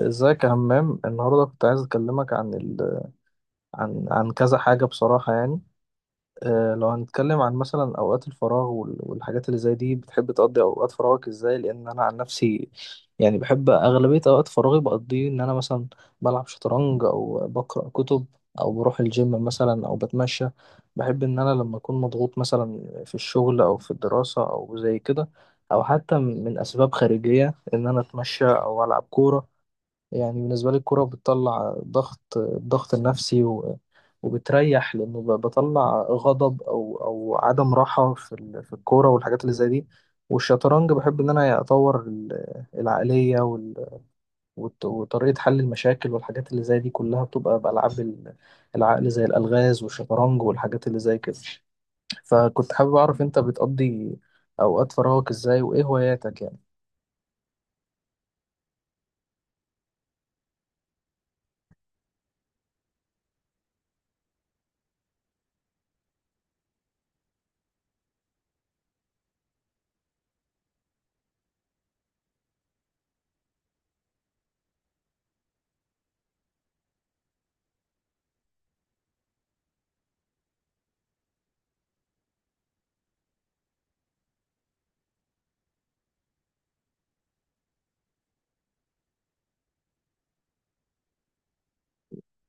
ازيك يا همام؟ النهارده كنت عايز اكلمك عن ال... عن عن كذا حاجه بصراحه، يعني. لو هنتكلم عن مثلا اوقات الفراغ والحاجات اللي زي دي، بتحب تقضي اوقات فراغك ازاي؟ لان انا عن نفسي، يعني بحب اغلبيه اوقات فراغي بقضيه ان انا مثلا بلعب شطرنج او بقرا كتب، او بروح الجيم مثلا او بتمشى. بحب ان انا لما اكون مضغوط، مثلا في الشغل او في الدراسه او زي كده، او حتى من اسباب خارجيه، ان انا اتمشى او العب كوره. يعني بالنسبة لي الكورة بتطلع ضغط، الضغط النفسي وبتريح، لأنه بطلع غضب أو عدم راحة في في الكورة والحاجات اللي زي دي. والشطرنج بحب إن أنا أطور العقلية وطريقة حل المشاكل والحاجات اللي زي دي كلها بتبقى بألعاب العقل، زي الألغاز والشطرنج والحاجات اللي زي كده. فكنت حابب أعرف، أنت بتقضي أوقات فراغك إزاي وإيه هواياتك، يعني؟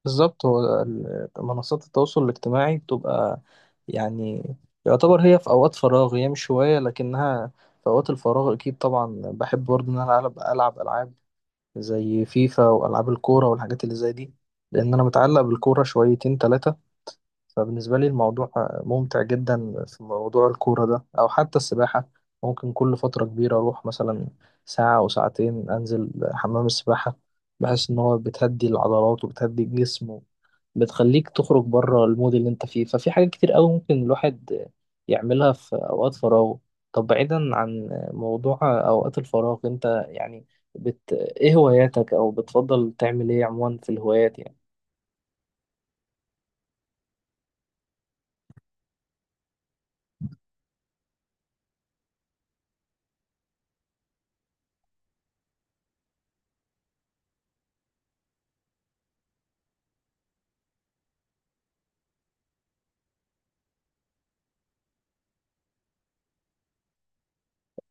بالظبط، هو منصات التواصل الاجتماعي بتبقى، يعني، يعتبر هي في أوقات فراغ، هي مش هواية لكنها في أوقات الفراغ. أكيد طبعا بحب برضه إن أنا ألعب ألعاب زي فيفا وألعاب الكورة والحاجات اللي زي دي، لأن أنا متعلق بالكورة شويتين تلاتة. فبالنسبة لي الموضوع ممتع جدا في موضوع الكورة ده، أو حتى السباحة. ممكن كل فترة كبيرة أروح مثلا ساعة أو ساعتين أنزل حمام السباحة. بحس إن هو بتهدي العضلات وبتهدي الجسم، بتخليك تخرج بره المود اللي انت فيه. ففي حاجات كتير قوي ممكن الواحد يعملها في اوقات فراغه. طب بعيدا عن موضوع اوقات الفراغ، انت يعني ايه هواياتك او بتفضل تعمل ايه عموما في الهوايات، يعني؟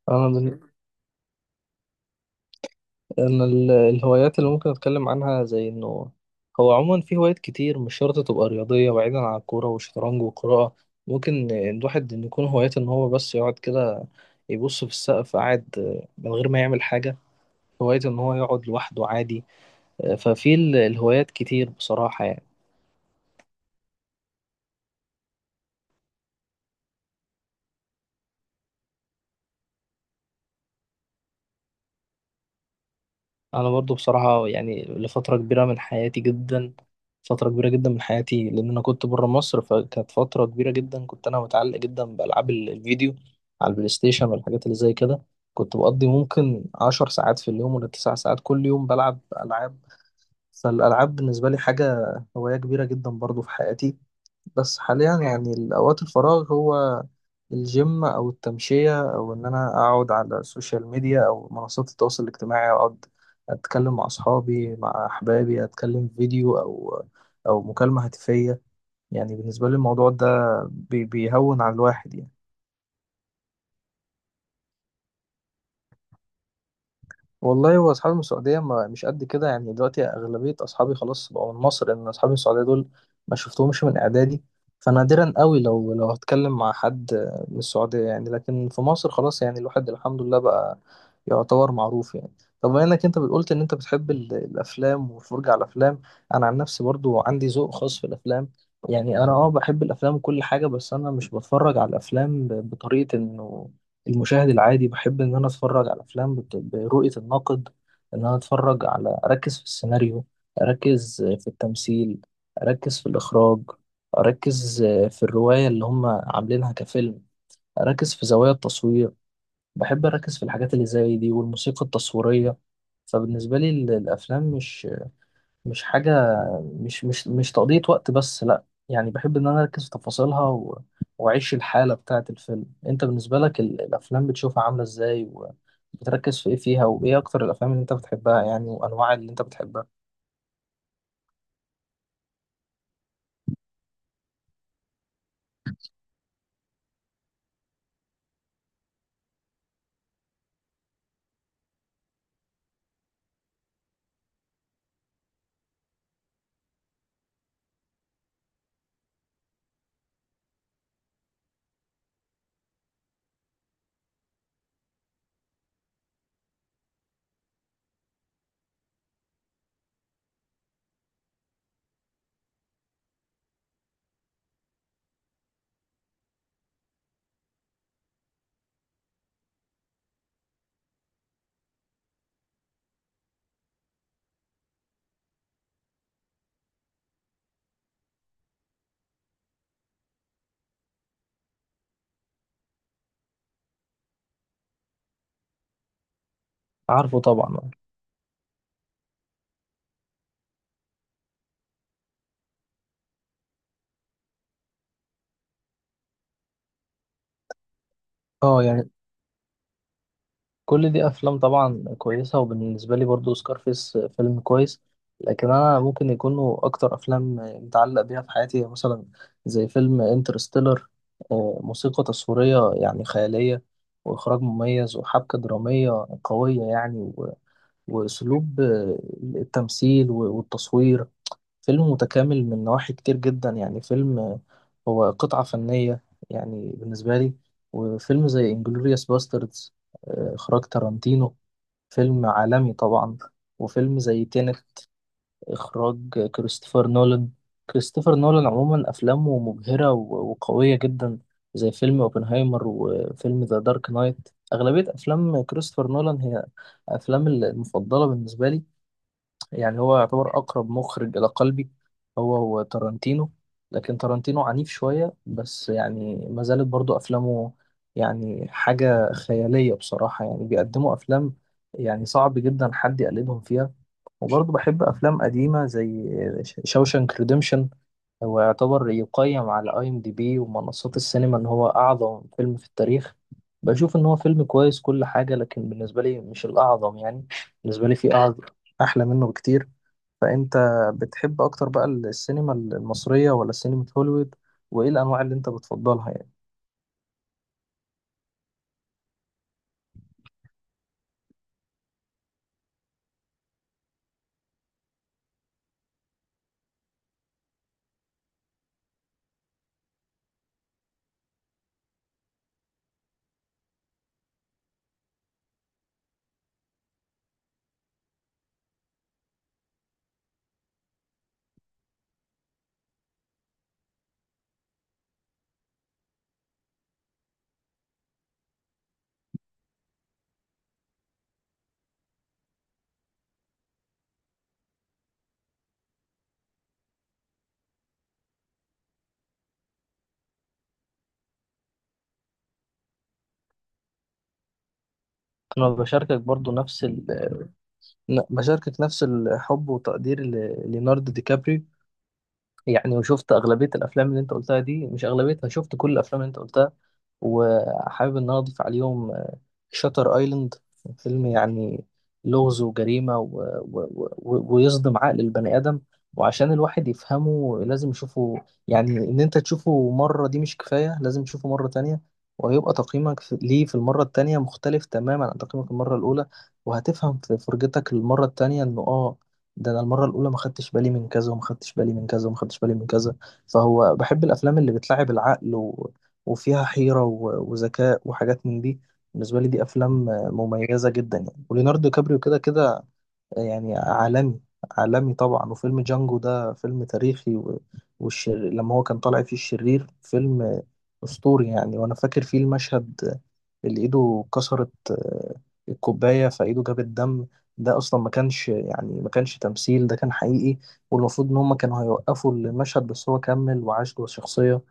انا من... انا الهوايات اللي ممكن اتكلم عنها، زي انه هو عموما في هوايات كتير مش شرط تبقى رياضية، بعيدا عن الكورة والشطرنج والقراءة. ممكن الواحد إن يكون هوايته ان هو بس يقعد كده يبص في السقف قاعد من غير ما يعمل حاجة. هوايته إن هو يقعد لوحده عادي. ففي الهوايات كتير بصراحة، يعني. أنا برضو بصراحة، يعني لفترة كبيرة من حياتي جدا فترة كبيرة جدا من حياتي، لأن أنا كنت برا مصر فكانت فترة كبيرة جدا كنت أنا متعلق جدا بألعاب الفيديو على البلاي ستيشن والحاجات اللي زي كده. كنت بقضي ممكن 10 ساعات في اليوم ولا 9 ساعات كل يوم، بلعب ألعاب. فالألعاب بالنسبة لي حاجة، هواية كبيرة جدا برضو في حياتي. بس حاليا يعني اوقات الفراغ هو الجيم او التمشيه، او ان انا اقعد على السوشيال ميديا او منصات التواصل الاجتماعي، اقعد اتكلم مع اصحابي مع احبابي، اتكلم فيديو او مكالمه هاتفيه. يعني بالنسبه لي الموضوع ده بيهون على الواحد، يعني. والله هو اصحابي من السعوديه ما مش قد كده، يعني دلوقتي اغلبيه اصحابي خلاص بقوا من مصر، لان اصحابي من السعوديه دول ما شفتهمش من اعدادي. فنادرا قوي لو هتكلم مع حد من السعوديه، يعني. لكن في مصر خلاص، يعني الواحد الحمد لله بقى يعتبر معروف، يعني. طب بما انك انت بتقولت ان انت بتحب الافلام والفرجه على الافلام، انا عن نفسي برضو عندي ذوق خاص في الافلام. يعني انا بحب الافلام وكل حاجه، بس انا مش بتفرج على الافلام بطريقه انه المشاهد العادي. بحب إن أنا أتفرج على أفلام برؤية الناقد. إن أنا أتفرج على، أركز في السيناريو، أركز في التمثيل، أركز في الإخراج، أركز في الرواية اللي هم عاملينها كفيلم، أركز في زوايا التصوير. بحب أركز في الحاجات اللي زي دي والموسيقى التصويرية. فبالنسبة لي الأفلام مش حاجة، مش تقضية وقت بس، لأ، يعني بحب إن أنا أركز في تفاصيلها وأعيش الحالة بتاعة الفيلم. أنت بالنسبة لك الأفلام بتشوفها عاملة إزاي، وبتركز في إيه فيها، وإيه أكتر الأفلام اللي أنت بتحبها يعني، وأنواع اللي أنت بتحبها؟ عارفه طبعا. يعني، كل دي افلام طبعا كويسه، وبالنسبه لي برضو سكارفيس فيلم كويس. لكن انا ممكن يكونوا اكتر افلام متعلق بيها في حياتي مثلا، زي فيلم انترستيلر. موسيقى تصويريه يعني خياليه، واخراج مميز، وحبكه دراميه قويه، يعني واسلوب التمثيل والتصوير. فيلم متكامل من نواحي كتير جدا، يعني فيلم هو قطعة فنية، يعني بالنسبة لي. وفيلم زي انجلوريوس باستردز، إخراج تارانتينو، فيلم عالمي طبعا. وفيلم زي تينت، إخراج كريستوفر نولان. كريستوفر نولان عموما أفلامه مبهرة وقوية جدا، زي فيلم اوبنهايمر وفيلم ذا دارك نايت. أغلبية أفلام كريستوفر نولان هي أفلام المفضلة بالنسبة لي، يعني هو يعتبر أقرب مخرج إلى قلبي. هو هو تارانتينو، لكن تارانتينو عنيف شوية بس، يعني ما زالت برضو أفلامه يعني حاجة خيالية بصراحة، يعني بيقدموا أفلام يعني صعب جدا حد يقلدهم فيها. وبرضو بحب أفلام قديمة زي شوشانك ريديمشن. هو يعتبر يقيم على أي أم دي بي ومنصات السينما إن هو أعظم فيلم في التاريخ. بشوف إن هو فيلم كويس كل حاجة، لكن بالنسبة لي مش الأعظم، يعني. بالنسبة لي في أعظم أحلى منه بكتير. فأنت بتحب أكتر بقى السينما المصرية ولا سينما هوليوود، وإيه الأنواع اللي أنت بتفضلها، يعني؟ أنا بشاركك برضو نفس بشاركك نفس الحب وتقدير ليوناردو دي كابريو، يعني. وشفت أغلبية الأفلام اللي أنت قلتها دي، مش أغلبيتها، شفت كل الأفلام اللي أنت قلتها، وحابب إن أنا أضيف عليهم شاتر أيلاند. فيلم يعني لغز وجريمة و... ويصدم عقل البني آدم. وعشان الواحد يفهمه لازم يشوفه، يعني إن أنت تشوفه مرة دي مش كفاية، لازم تشوفه مرة تانية، وهيبقى تقييمك ليه في المرة التانية مختلف تماما عن تقييمك المرة الأولى. وهتفهم في فرجتك المرة التانية إنه ده انا المره الاولى ما خدتش بالي من كذا، وما خدتش بالي من كذا، وما خدتش بالي من كذا. فهو بحب الافلام اللي بتلعب العقل وفيها حيره وذكاء وحاجات من دي. بالنسبه لي دي افلام مميزه جدا، يعني. وليوناردو كابريو كده كده يعني عالمي. عالمي طبعا. وفيلم جانجو ده فيلم تاريخي لما هو كان طالع فيه الشرير، فيلم أسطوري يعني. وأنا فاكر فيه المشهد اللي إيده كسرت الكوباية فإيده جابت دم. ده أصلا ما كانش يعني ما كانش تمثيل، ده كان حقيقي. والمفروض إن هما كانوا هيوقفوا المشهد بس هو كمل وعاش جوه الشخصية.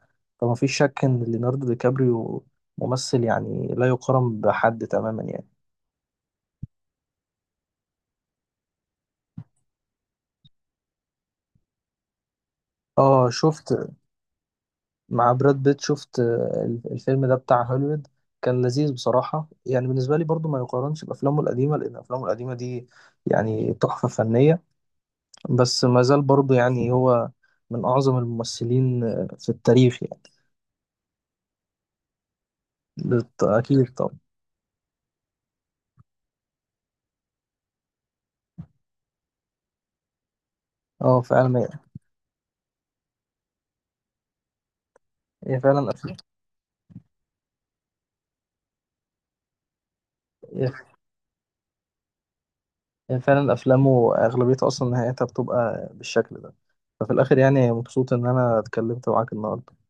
فما فيش شك إن ليوناردو دي كابريو ممثل يعني لا يقارن بحد تماما، يعني. اه، شفت. مع براد بيت، شفت الفيلم ده بتاع هوليوود، كان لذيذ بصراحة، يعني بالنسبة لي برضو ما يقارنش بأفلامه القديمة، لأن أفلامه القديمة دي يعني تحفة فنية. بس ما زال برضو يعني هو من أعظم الممثلين في التاريخ، يعني. أكيد طبعا. اه فعلا هي فعلا أفلام هي هي فعلا أفلامه أغلبيتها أصلا نهايتها بتبقى بالشكل ده. ففي الآخر، يعني مبسوط إن أنا اتكلمت معاك النهاردة.